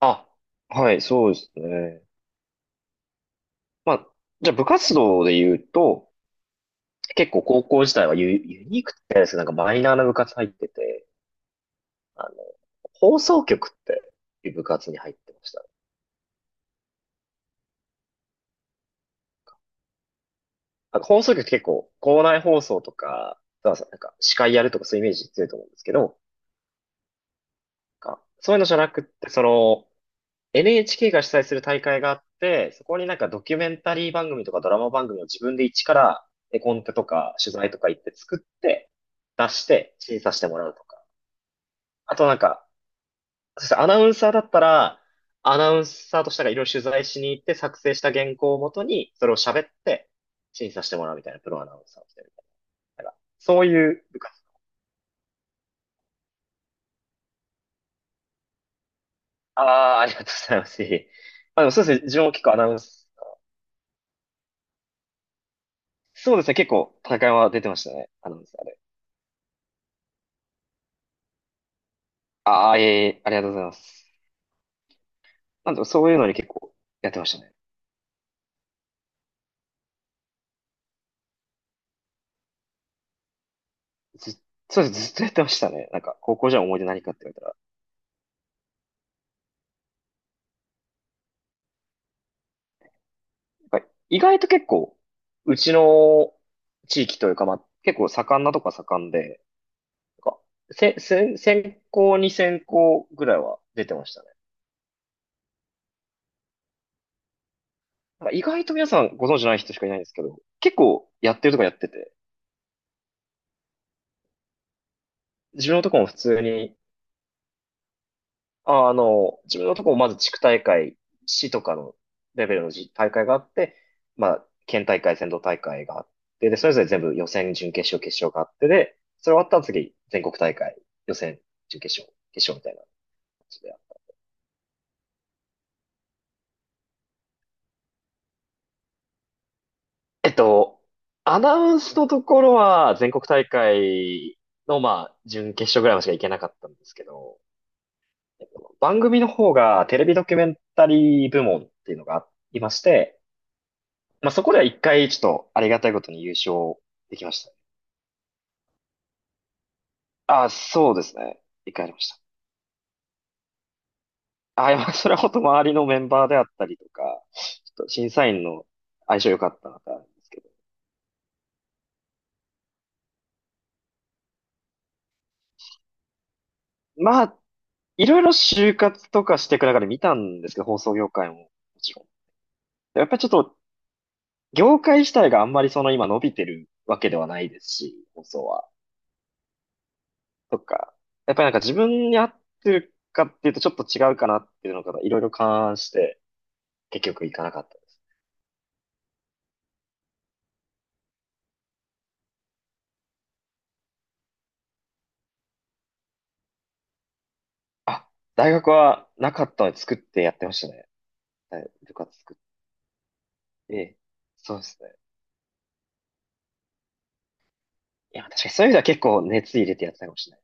あ、はい、そうですね。まあ、じゃあ部活動で言うと、結構高校時代はユニークって言ったんですけど、なんかマイナーな部活入ってて、あの、放送局っていう部活に入ってました。なんか放送局って結構、校内放送とか、そうそうなんか司会やるとかそういうイメージ強いと思うんですけど、なんかそういうのじゃなくって、その、NHK が主催する大会があって、そこになんかドキュメンタリー番組とかドラマ番組を自分で一から絵コンテとか取材とか行って作って出して審査してもらうとか。あとなんか、そしてアナウンサーだったら、アナウンサーとしてがいろいろ取材しに行って作成した原稿をもとにそれを喋って審査してもらうみたいなプロアナウンサーをしてるみたいな。だからそういう部活。ああ、ありがとうございます。いえいえ、まあでもそうですね、自分も結構アナウンス、そうですね、結構大会は出てましたね、アナウンサーで。ああ、いえいえ、ありがとうございます。なんで、そういうのに結構やってましたね。ず、そうです、ずっとやってましたね。なんか、高校時代の思い出何かって言われたら、やっぱ意外と結構、うちの地域というか、まあ、結構盛んなとこは盛んで、なんか、専攻に専攻ぐらいは出てましたね。なんか意外と皆さんご存知ない人しかいないんですけど、結構やってるとかやってて、自分のとこも普通に自分のとこもまず地区大会、市とかのレベルのじ大会があって、まあ、県大会、全道大会があって、で、それぞれ全部予選、準決勝、決勝があって、で、それ終わったら次、全国大会、予選、準決勝、決勝みたいな感じで。えっと、アナウンスのところは全国大会の、まあ、準決勝ぐらいまでしか行けなかったんですけど、番組の方がテレビドキュメンタリー部門っていうのがありまして、まあ、そこでは一回、ちょっと、ありがたいことに優勝できましたね。ああ、そうですね。一回やりました。ああ、いやそれは本当周りのメンバーであったりとか、ちょっと審査員の相性良かったなってあるんですけど。まあ、いろいろ就活とかしていく中で見たんですけど、放送業界ももちろん。やっぱりちょっと、業界自体があんまりその今伸びてるわけではないですし、放送は。とか、やっぱりなんか自分に合ってるかっていうとちょっと違うかなっていうのがいろいろ勘案して、結局いかなかった。あ、大学はなかったので作ってやってましたね。はい、部活作って。そうですね。いや、確かにそういう意味では結構熱入れてやってたかもしれない。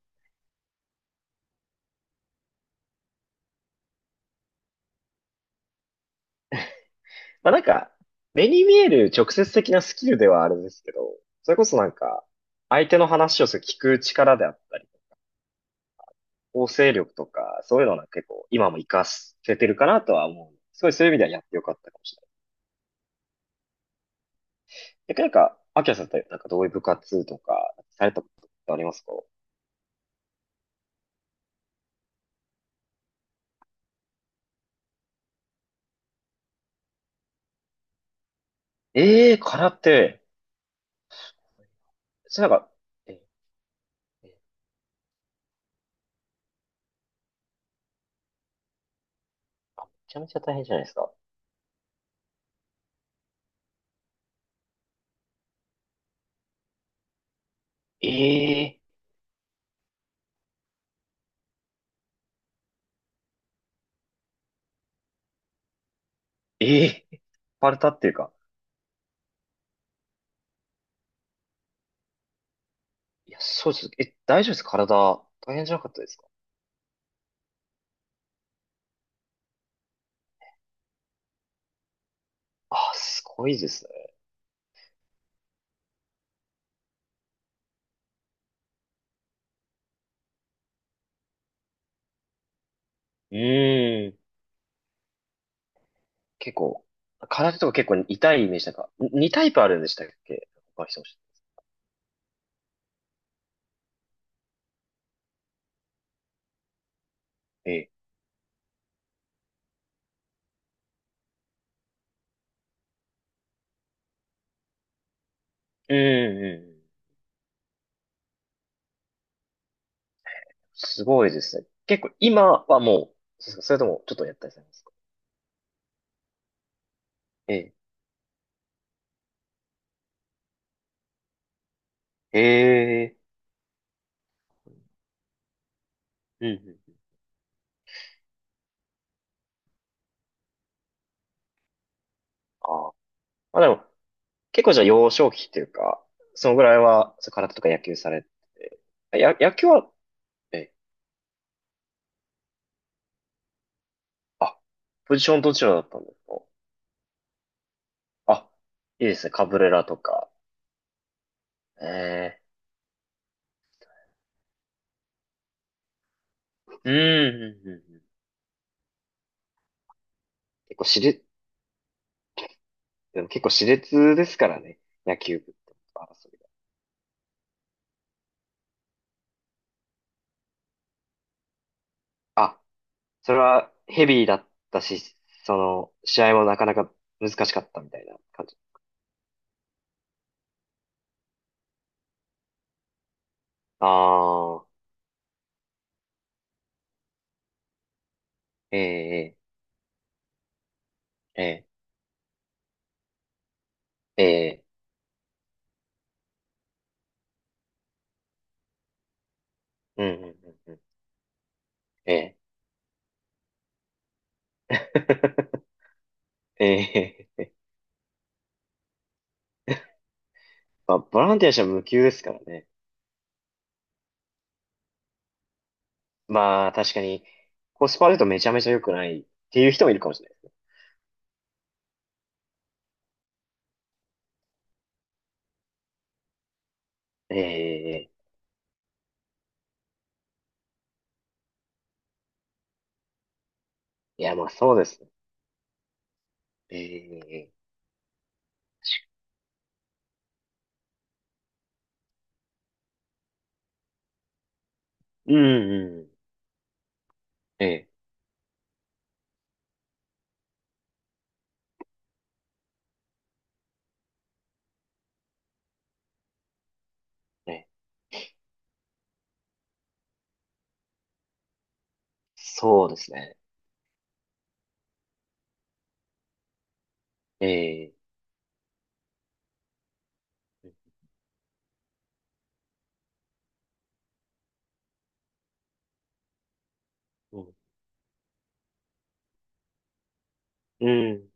まあなんか、目に見える直接的なスキルではあるんですけど、それこそなんか、相手の話をする聞く力であったり、構成力とか、そういうのは結構今も活かせてるかなとは思う。すごいそういう意味ではやってよかったかもしれない。逆になんか、アキラさんってなんかどういう部活とか、されたことってありますか？ええー、空手。それなんか、えあめちゃめちゃ大変じゃないですか。ええ、ええ、ーパルタっていうか。いや、そうです。え、大丈夫ですか体、大変じゃなかったですか？あ、すごいですね。うーん。結構、空手とか結構痛いイメージなんか、に2タイプあるんでしたっけ、他の人も知ってええ。うんうんうん。すごいですね。結構今はもう、そうですかそれともちょっとやったりされますか？ええ。ええ。うんうんうん。ああ。まあでも、結構じゃあ幼少期っていうか、そのぐらいは、そう空手とか野球されてて、野球は、え、あ、ポジションどちらだったんですか？あ、いいですね、カブレラとか。ええ、うんうん。うんうん、結構しれ、でも結構熾烈ですからね、野球部と争いが。あ、それはヘビーだったし、その、試合もなかなか難しかったみたいな感じ。ああ、ええ、ええ、ええ、ええ、うん、うん、うん、うん、ええ ええ、まあ、ボランティアしても無給ですからね。まあ、確かに、コスパ悪いとめちゃめちゃ良くないっていう人もいるかもしれないですね。ええ、いや、まあそうですね。ええ、うんうん。ええ、ええ、そうですね。ええ、うん、うん。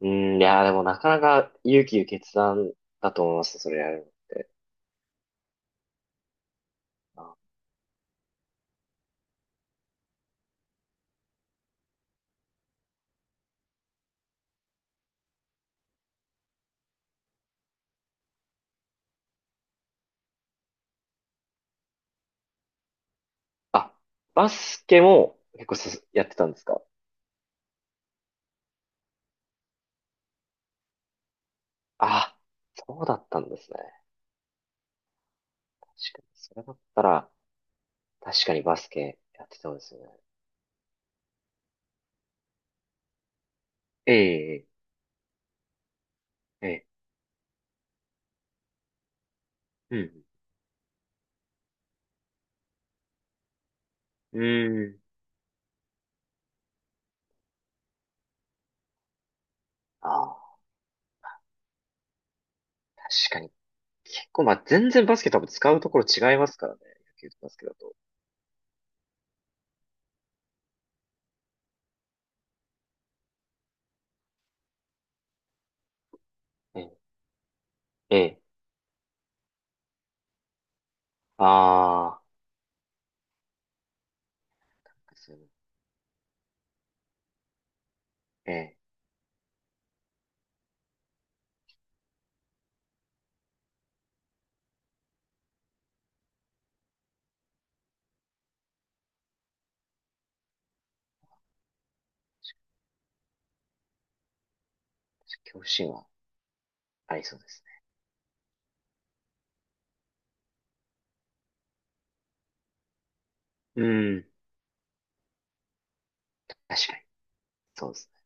うん、いや、でもなかなか勇気いる決断だと思います、それやるのは。あ、バスケも結構すやってたんですか？あ、そうだったんですね。確かに、それだったら、確かにバスケやってたんですよね。ええ、ええ、うん、うん。うーん、ああ、確かに。結構、まあ、全然バスケ多分使うところ違いますからね。野球とバスケだと。ええ、ええ、ああ、そういうのええ、恐怖心はありそうですね。うん、確かに。そうですね。